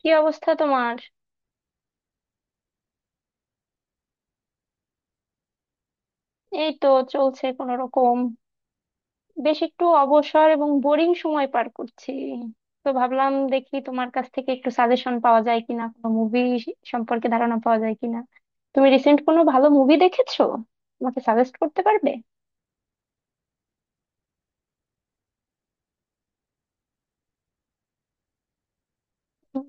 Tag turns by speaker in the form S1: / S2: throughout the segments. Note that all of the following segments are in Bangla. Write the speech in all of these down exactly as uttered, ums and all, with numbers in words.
S1: কি অবস্থা তোমার? এই তো চলছে কোন রকম। বেশ একটু অবসর এবং বোরিং সময় পার করছি, তো ভাবলাম দেখি তোমার কাছ থেকে একটু সাজেশন পাওয়া যায় কিনা, কোনো মুভি সম্পর্কে ধারণা পাওয়া যায় কিনা। তুমি রিসেন্ট কোনো ভালো মুভি দেখেছো? আমাকে সাজেস্ট করতে পারবে? উম,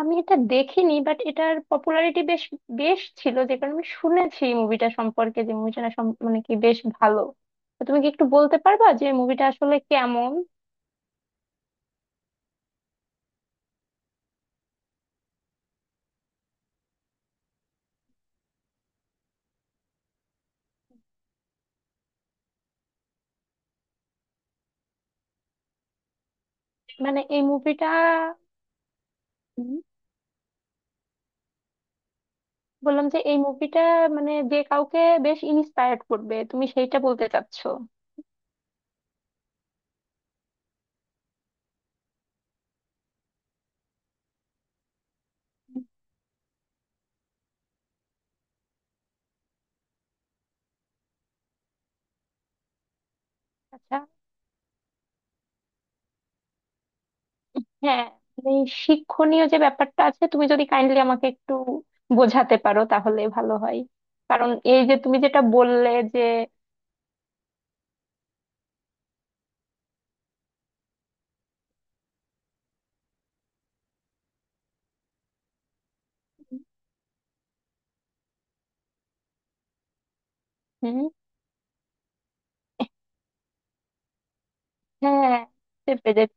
S1: আমি এটা দেখিনি, বাট এটার পপুলারিটি বেশ বেশ ছিল, যে কারণে আমি শুনেছি মুভিটা সম্পর্কে, যে মুভিটা মানে কি বেশ ভালো। তো তুমি কি একটু বলতে পারবা যে মুভিটা আসলে কেমন? মানে এই মুভিটা, বললাম যে এই মুভিটা মানে যে কাউকে বেশ ইন্সপায়ার্ড করবে, তুমি সেইটা বলতে চাচ্ছো? আচ্ছা। হ্যাঁ, মানে এই শিক্ষণীয় যে ব্যাপারটা আছে, তুমি যদি কাইন্ডলি আমাকে একটু বোঝাতে পারো তাহলে ভালো হয়। কারণ এই যে তুমি যেটা বললে যে হুম, হ্যাঁ, চেপে যেত,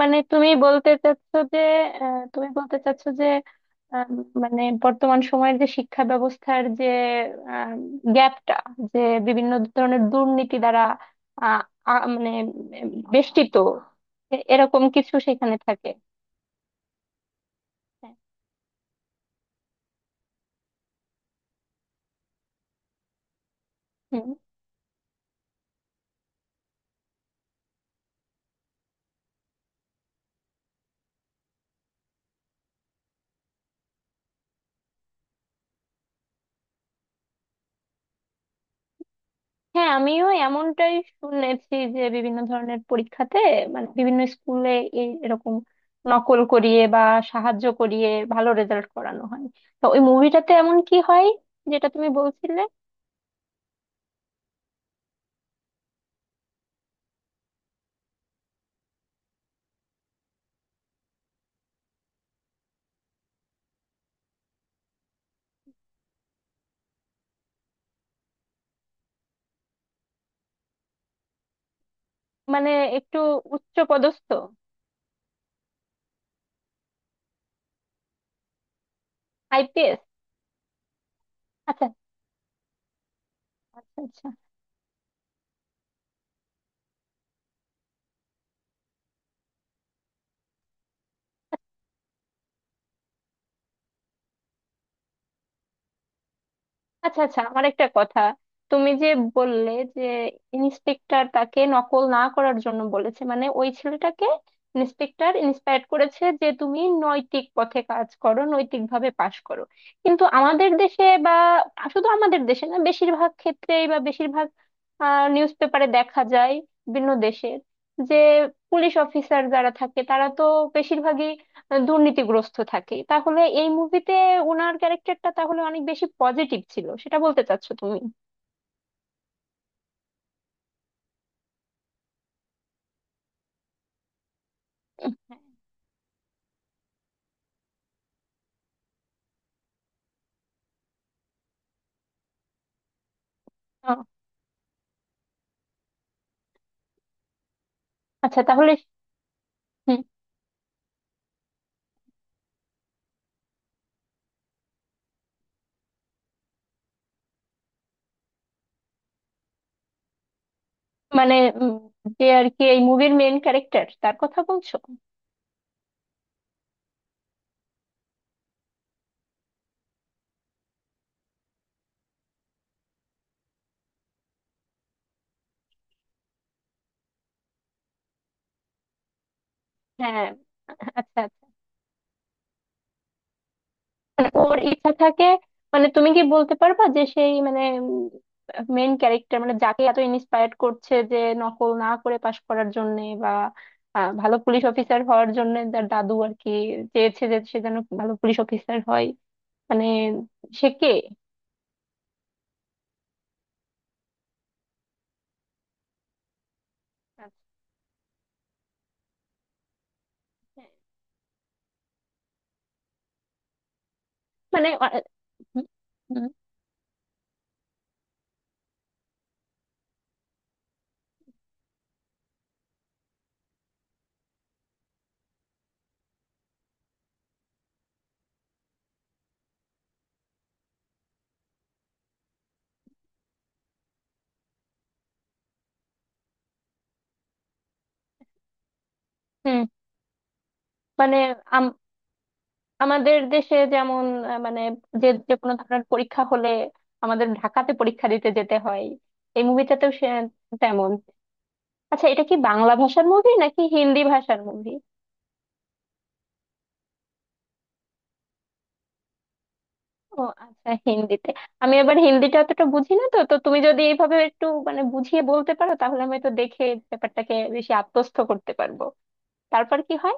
S1: মানে তুমি বলতে চাচ্ছো যে আহ, তুমি বলতে চাচ্ছো যে আহ, মানে বর্তমান সময়ের যে শিক্ষা ব্যবস্থার যে গ্যাপটা, যে বিভিন্ন ধরনের দুর্নীতি দ্বারা, আহ, আ- মানে উম, বেষ্টিত, এ- এরকম কিছু সেখানে থাকে। হ্যাঁ। হ্যাঁ, আমিও এমনটাই শুনেছি, যে বিভিন্ন ধরনের পরীক্ষাতে, মানে বিভিন্ন স্কুলে এই- এরকম নকল করিয়ে বা সাহায্য করিয়ে ভালো রেজাল্ট করানো হয়। তো ওই মুভিটাতে এমন কি হয় যেটা তুমি বলছিলে? মানে একটু উচ্চ পদস্থ? I P S? আচ্ছা। আচ্ছা আচ্ছা। আচ্ছা, আচ্ছা, আমার একটা কথা, তুমি যে বললে যে ইন্সপেক্টর তাকে নকল না করার জন্য বলেছে, মানে ওই ছেলেটাকে ইন্সপেক্টর ইন্সপায়ার করেছে যে তুমি নৈতিক পথে কাজ করো, নৈতিকভাবে পাশ করো। কিন্তু আমাদের দেশে বা শুধু আমাদের দেশে না, বেশিরভাগ ক্ষেত্রেই, বা বেশিরভাগ নিউজ পেপারে দেখা যায় বিভিন্ন দেশের যে পুলিশ অফিসার যারা থাকে তারা তো বেশিরভাগই দুর্নীতিগ্রস্ত থাকে। তাহলে এই মুভিতে ওনার ক্যারেক্টারটা তাহলে অনেক বেশি পজিটিভ ছিল, সেটা বলতে চাচ্ছো তুমি? হ্যাঁ। আহ, আচ্ছা তাহলে হুম, মানে উম, যে আর কি এই মুভির মেইন ক্যারেক্টার, তার কথা বলছো? হ্যাঁ। আচ্ছা আচ্ছা। মানে ওর ইচ্ছা থাকে, মানে তুমি কি বলতে পারবা যে সেই, মানে মেইন ক্যারেক্টার, মানে যাকে এত ইন্সপায়ার করছে যে নকল না করে পাশ করার জন্য বা আহ, ভালো পুলিশ অফিসার হওয়ার জন্য, তার দাদু আর কি চেয়েছে যে সে যেন ভালো পুলিশ অফিসার হয়। মানে সে কে? আচ্ছা। মানে আ- হুম। হুম, মানে আম- আমাদের দেশে যেমন আহ, মানে যে যে কোনো ধরনের পরীক্ষা হলে আমাদের ঢাকাতে পরীক্ষা দিতে যেতে হয়, এই মুভিটাতেও সে তেমন। আচ্ছা, এটা কি বাংলা ভাষার মুভি নাকি হিন্দি ভাষার মুভি? ও আচ্ছা, হিন্দিতে। আমি আবার হিন্দিটা অতটা বুঝি না, তো তো তুমি যদি এইভাবে একটু মানে বুঝিয়ে বলতে পারো তাহলে আমি তো দেখে ব্যাপারটাকে বেশি আত্মস্থ করতে পারবো। তারপর কি হয়?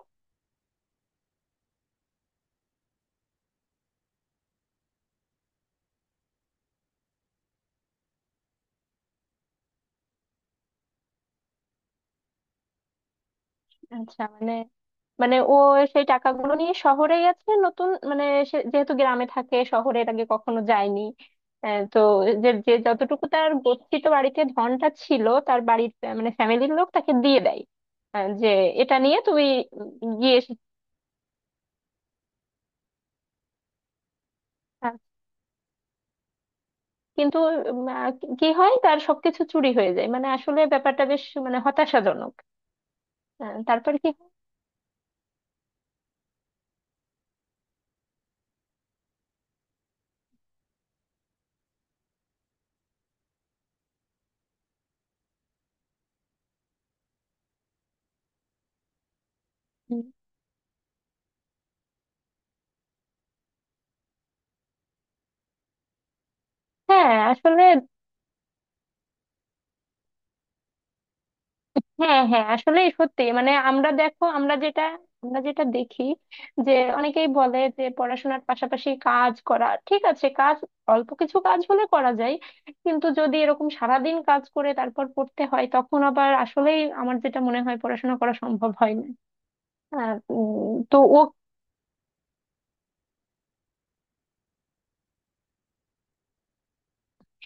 S1: আচ্ছা মানে, মানে ও সেই টাকাগুলো নিয়ে শহরে গেছে, নতুন মানে, সে যেহেতু গ্রামে থাকে, শহরে এর আগে কখনো যায়নি। আহ, তো যে যে যতটুকু তার গচ্ছিত বাড়িতে ধনটা ছিল, তার বাড়ির আহ, মানে ফ্যামিলির লোক তাকে দিয়ে দেয়। আহ, যে এটা নিয়ে তুমি উম গিয়ে এসে- আহ, কিন্তু উম, আহ, কি হয়, তার সবকিছু চুরি হয়ে যায়, মানে আসলে ব্যাপারটা বেশ মানে হতাশাজনক। আহ, তারপর কি হয়? হুম। হ্যাঁ আসলে, হ্যাঁ হ্যাঁ আসলে সত্যি মানে আমরা, দেখো আমরা যেটা, আমরা যেটা দেখি যে অনেকেই বলে যে পড়াশোনার পাশাপাশি কাজ করা ঠিক আছে, কাজ অল্প কিছু কাজ হলে করা যায়, কিন্তু যদি এরকম সারাদিন কাজ করে তারপর পড়তে হয়, তখন আবার আসলেই আমার যেটা মনে হয়, পড়াশোনা করা সম্ভব হয় না। আহ, উম, তো ও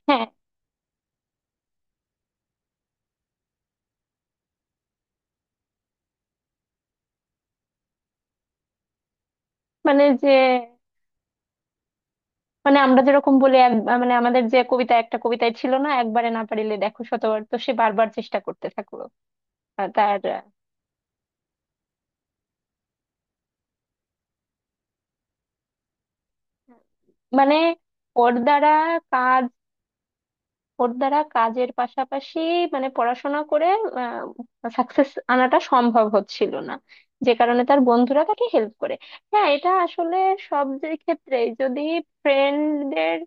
S1: হ্যাঁ, মানে যে, মানে আমরা যেরকম বলি এক- মানে আমাদের যে কবিতা, একটা কবিতায় ছিল না, একবারে না পারিলে দেখো শতবার, তো সে বারবার চেষ্টা করতে থাকলো। আহ, তার মানে ওর দ্বারা কাজ, ওর দ্বারা কাজের পাশাপাশি, মানে পড়াশোনা করে সাকসেস আনাটা সম্ভব হচ্ছিল না, যে কারণে তার বন্ধুরা তাকে হেল্প করে। হ্যাঁ, এটা আসলে সব যে ক্ষেত্রে যদি ফ্রেন্ডদের,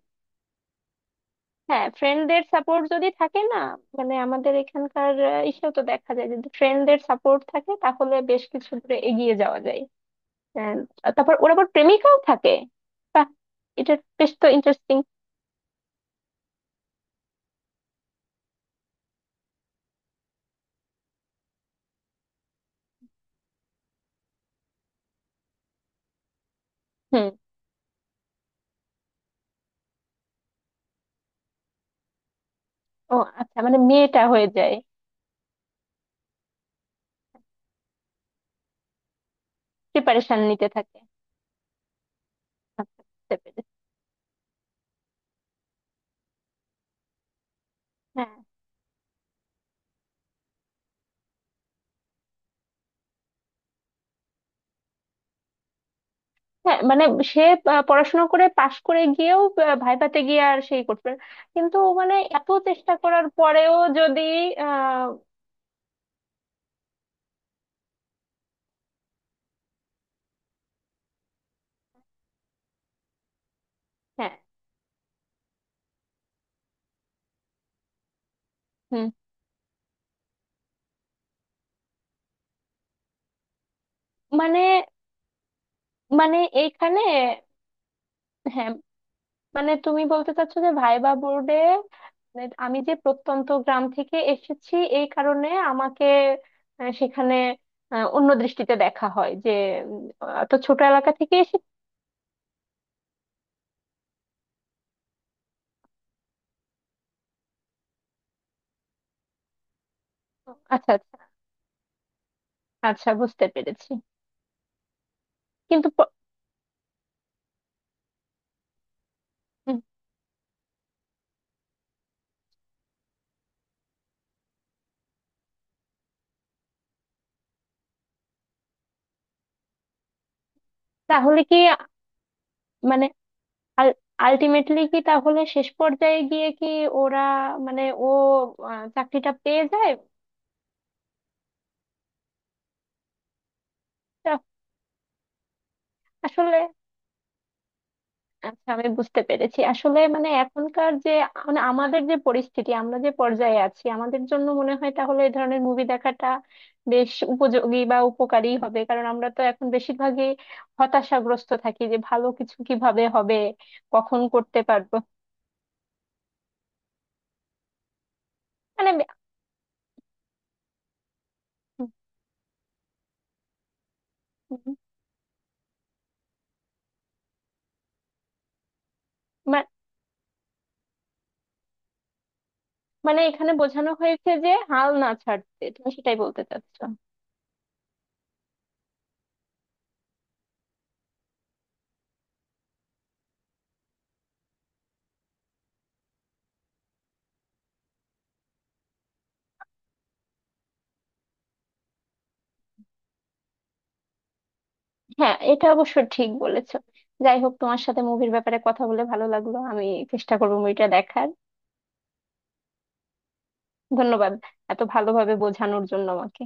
S1: হ্যাঁ, ফ্রেন্ডদের সাপোর্ট যদি থাকে না, মানে আমাদের এখানকার আহ, ইসেও তো দেখা যায় যদি ফ্রেন্ডদের সাপোর্ট থাকে তাহলে বেশ কিছু দূরে এগিয়ে যাওয়া যায়। আহ, তারপর ওর আবার প্রেমিকাও থাকে? বাহ, এটা বেশ তো ইন্টারেস্টিং। ও আচ্ছা, মানে মেয়েটা হয়ে যায়? প্রিপারেশন নিতে থাকে? আচ্ছা, বুঝতে পেরেছি। হ্যাঁ, হ্যাঁ, মানে সে আহ, পড়াশোনা করে পাশ করে গিয়েও আহ, ভাইভাতে গিয়ে আর সেই করতে পারে না। কিন্তু মানে এত চেষ্টা করার পরেও যদি আহ হ্যাঁ হুম, মানে, মানে এইখানে হ্যাঁ, মানে তুমি বলতে চাচ্ছো যে ভাইবা বোর্ডে আমি যে প্রত্যন্ত গ্রাম থেকে এসেছি, এই কারণে আমাকে আহ, সেখানে আহ, অন্য দৃষ্টিতে দেখা হয় যে উম, এত ছোট এলাকা থেকে এসেছি। আচ্ছা আচ্ছা। আচ্ছা বুঝতে পেরেছি। কিন্তু প- হুম, তাহলে কি আ- মানে আলটিমেটলি কি তাহলে শেষ পর্যায়ে গিয়ে কি ওরা, মানে ও আহ, চাকরিটা পেয়ে যায়? তা আসলে, আচ্ছা আমি বুঝতে পেরেছি। আসলে মানে এখনকার যে, মানে আমাদের যে পরিস্থিতি, আমরা যে পর্যায়ে আছি, আমাদের জন্য মনে হয় তাহলে এই ধরনের মুভি দেখাটা বেশ উপযোগী বা উপকারী হবে, কারণ আমরা তো এখন বেশিরভাগই হতাশাগ্রস্ত থাকি যে ভালো কিছু কিভাবে হবে। কখন করতে পারবো? মানে হুম। মা- মানে এখানে বোঝানো হয়েছে যে হাল না ছাড়তে, তুমি সেটাই বলতে চাচ্ছ? হ্যাঁ, এটা অবশ্য ঠিক বলেছো। যাই হোক, তোমার সাথে মুভির ব্যাপারে কথা বলে ভালো লাগলো। আমি চেষ্টা করবো মুভিটা দেখার। ধন্যবাদ এত ভালোভাবে বোঝানোর জন্য আমাকে।